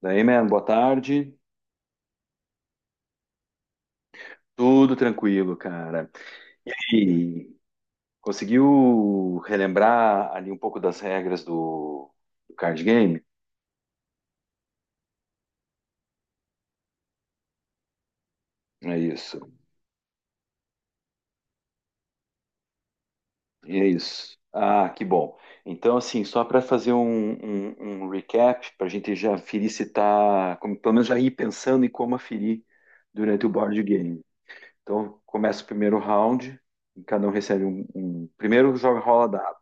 Daí, man, boa tarde. Tudo tranquilo, cara. E conseguiu relembrar ali um pouco das regras do card game? É isso, é isso. Ah, que bom. Então, assim, só para fazer um recap, para a gente já ferir se tá, pelo menos já ir pensando em como aferir durante o board game. Então, começa o primeiro round, e cada um recebe Primeiro joga rola dado.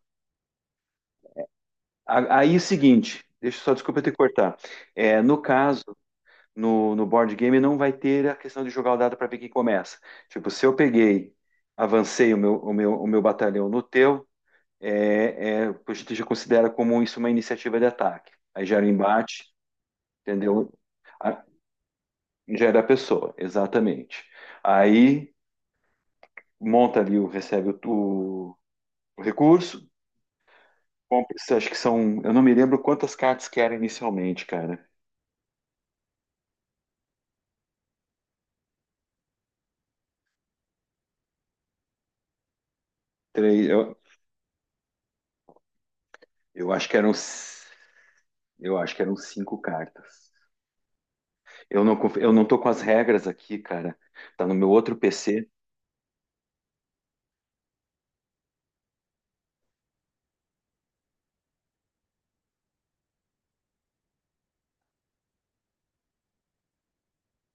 Aí, é o seguinte, deixa eu só, desculpa eu ter que cortar. É, no caso, no board game não vai ter a questão de jogar o dado para ver quem começa. Tipo, se eu peguei, avancei o meu batalhão no teu, a gente já considera como isso uma iniciativa de ataque. Aí gera o embate, entendeu? A- Gera a pessoa, exatamente. Aí monta ali, recebe o, o recurso, compra, acho que são, eu não me lembro quantas cartas que era inicialmente, cara. Três, eu acho que eram cinco cartas. Eu não tô com as regras aqui, cara. Tá no meu outro PC.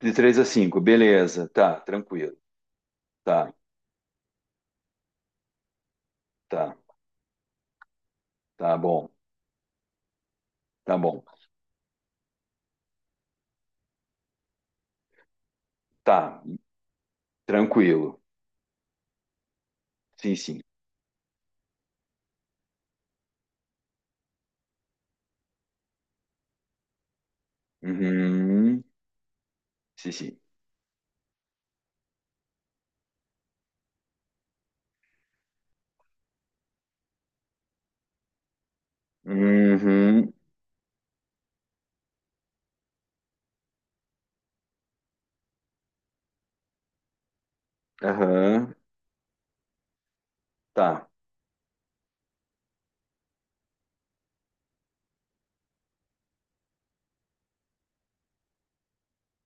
De 3 a cinco, beleza, tá, tranquilo. Tá, tá, tá bom, tá bom. Tá, tranquilo. Sim, sim. Uhum, sim, sim. Uhum, aham, tá.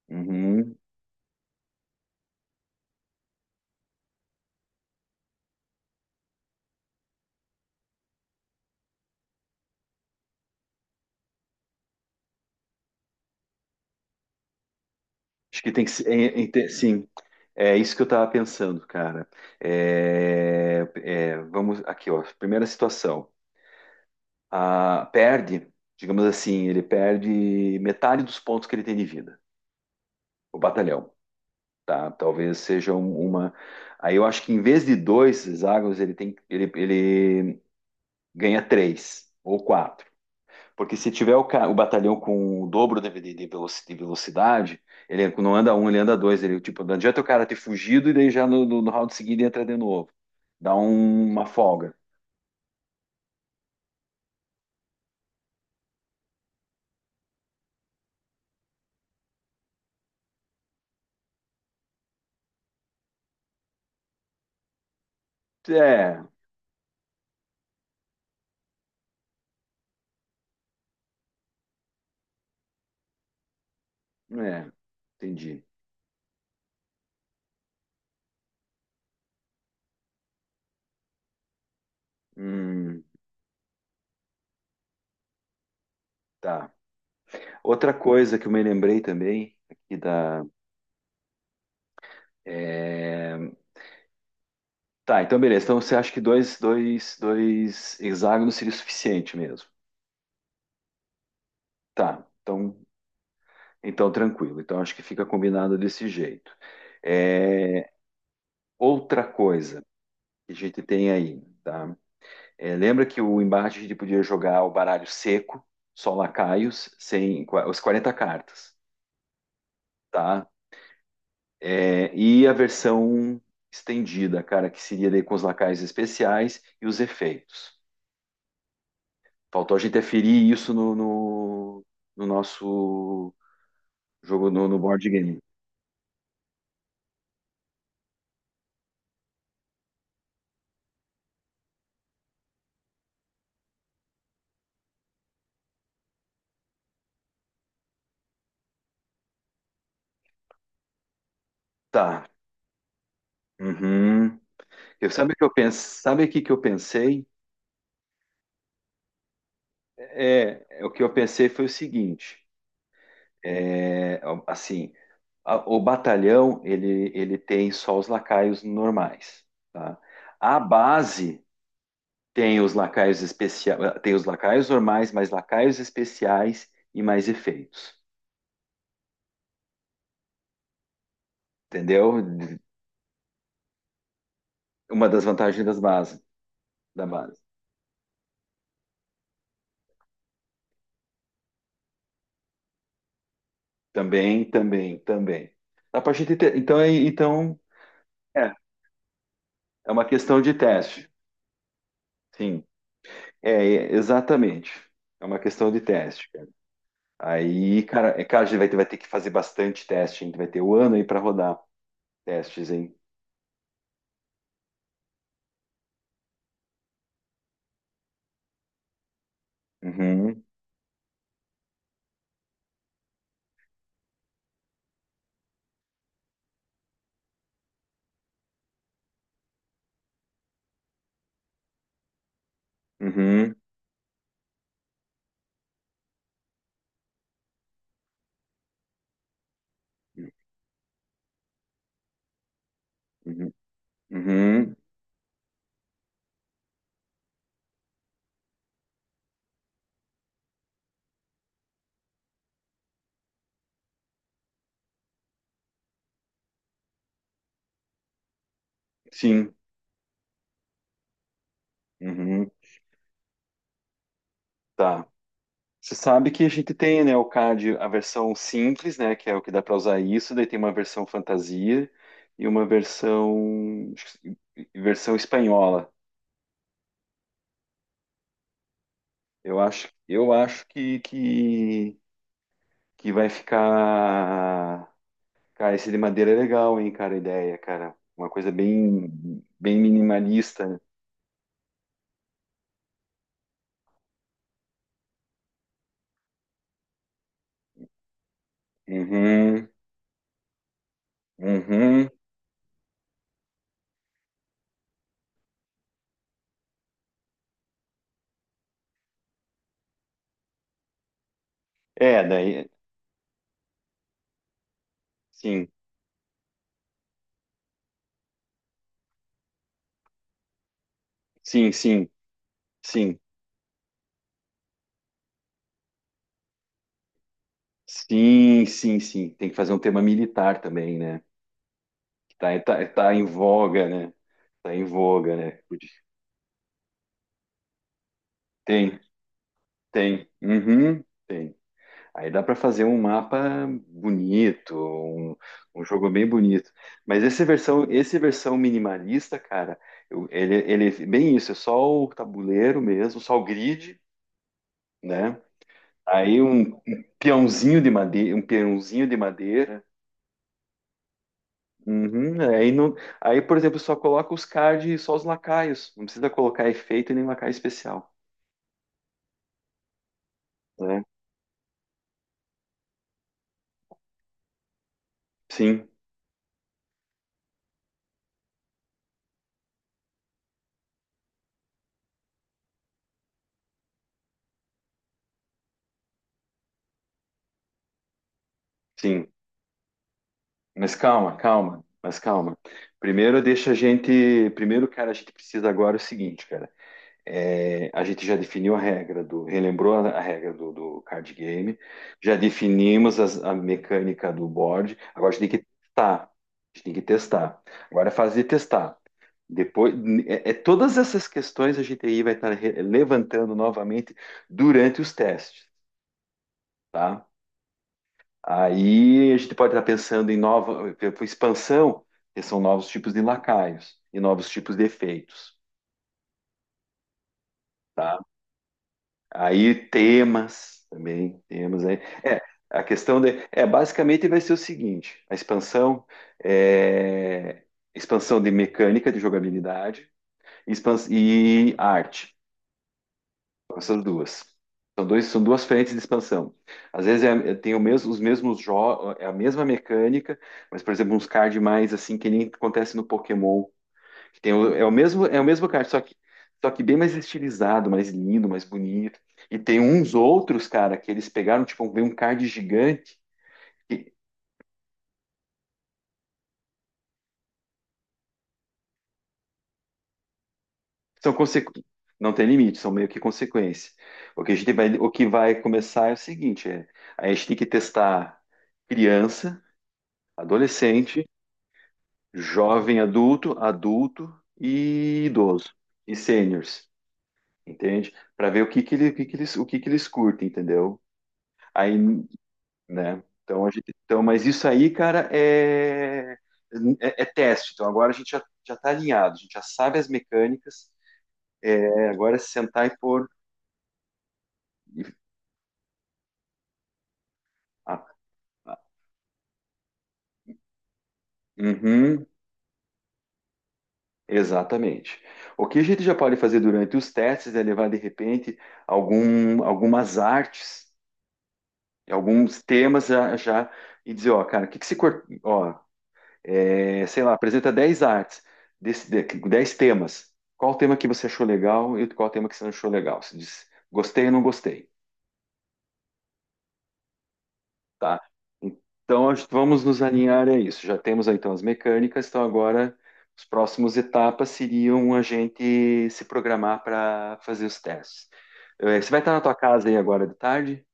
Uhum. Acho que tem que ser. Sim, é isso que eu tava pensando, cara. Vamos aqui, ó. Primeira situação. Ah, digamos assim, ele perde metade dos pontos que ele tem de vida. O batalhão, tá? Talvez seja uma. Aí eu acho que em vez de dois hexágonos, ele ganha três ou quatro. Porque se tiver o batalhão com o dobro de velocidade, ele não anda um, ele anda dois. Ele, tipo, não adianta o cara ter fugido e daí já no round seguinte entra de novo. Dá uma folga. É, é, entendi. Hum, tá. Outra coisa que eu me lembrei também aqui da. é, Tá, então beleza. Então você acha que dois hexágonos seria o suficiente mesmo? Tá, então tranquilo. Então acho que fica combinado desse jeito. É, outra coisa que a gente tem aí, tá? É, lembra que o embate a gente podia jogar o baralho seco, só lacaios, sem os 40 cartas, tá? É, e a versão estendida, cara, que seria daí com os lacaios especiais e os efeitos. Faltou a gente aferir isso no nosso jogo no board game. Tá. Uhum. Sabe o que eu pensei, sabe o que que eu pensei? O que eu pensei foi o seguinte, é, assim, o batalhão ele tem só os lacaios normais, tá? A base tem os lacaios especiais, tem os lacaios normais, mais lacaios especiais e mais efeitos, entendeu? Uma das vantagens das bases, da base. Também, também, também. A partir de te- é, é uma questão de teste. Sim, exatamente. É uma questão de teste, cara. Aí, cara, cara, a gente vai ter que fazer bastante teste, hein? Vai ter o ano aí para rodar testes, hein? Uhum, uhum, uhum, uhum, sim, uhum, tá. Você sabe que a gente tem, né, o CAD, a versão simples, né, que é o que dá para usar isso, daí tem uma versão fantasia e uma versão espanhola. Eu acho que vai ficar, cara, esse de madeira é legal, hein, cara, a ideia, cara, uma coisa bem minimalista, né? Uhum, uhum. É, daí, sim, sim, sim, sim, sim, sim, sim. Tem que fazer um tema militar também, né? Tá, tá, tá em voga, né? Tá em voga, né? Tem, tem. Uhum, tem. Aí dá para fazer um mapa bonito, um jogo bem bonito. Mas essa versão, esse versão minimalista, cara, ele é bem isso, é só o tabuleiro mesmo, só o grid, né? Aí um peãozinho de madeira, um peãozinho de madeira. Uhum, aí, não, aí, por exemplo, só coloca os cards e só os lacaios. Não precisa colocar efeito e nem lacaio especial, né? Sim, sim. Mas calma, calma, mas calma. Primeiro deixa a gente. Primeiro, cara, a gente precisa agora é o seguinte, cara. É, a gente já definiu a regra do. Relembrou a regra do card game. Já definimos a mecânica do board. Agora a gente tem que testar. A gente tem que testar. Agora é fase de testar. Depois, todas essas questões a gente aí vai estar levantando novamente durante os testes, tá? Aí a gente pode estar pensando em nova expansão, que são novos tipos de lacaios e novos tipos de efeitos, tá? Aí temas também, temas aí. É, a questão de, é basicamente vai ser o seguinte: a expansão é expansão de mecânica de jogabilidade e arte. São essas duas. São dois, são duas frentes de expansão. Às vezes tem o mesmo, os mesmos jogos, é a mesma mecânica, mas, por exemplo, uns cards mais assim, que nem acontece no Pokémon. É o mesmo card, só que bem mais estilizado, mais lindo, mais bonito. E tem uns outros, cara, que eles pegaram, tipo, vem um card gigante, que são consequ... não tem limite, são meio que consequência. O que a gente vai, o que vai começar é o seguinte, a gente tem que testar criança, adolescente jovem adulto, adulto e idoso e seniors, entende? Para ver o que que ele, o que que eles, o que que eles curtem, entendeu? Aí, né? Então a gente, então, mas isso aí, cara, é teste. Então agora a gente já já está alinhado, a gente já sabe as mecânicas. É, agora é sentar e pôr. e- ah, ah, uhum, exatamente. O que a gente já pode fazer durante os testes é levar de repente algum, algumas artes alguns temas já, já e dizer, ó, cara, o que que se cor- ó, sei lá, apresenta 10 artes, desse, de- 10 temas. Qual o tema que você achou legal e qual o tema que você não achou legal? Você diz, gostei ou não gostei, tá? Então, acho que vamos nos alinhar a isso. Já temos aí, então, as mecânicas, então agora as próximas etapas seriam a gente se programar para fazer os testes. Você vai estar na tua casa aí agora de tarde?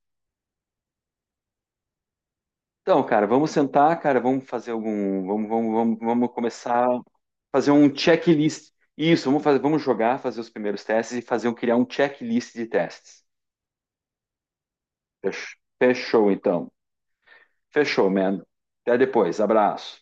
Então, cara, vamos sentar, cara, vamos fazer algum, vamos começar a fazer um checklist. Isso, vamos fazer, vamos jogar, fazer os primeiros testes e fazer um, criar um checklist de testes. Fechou, então. Fechou, man. Até depois. Abraço.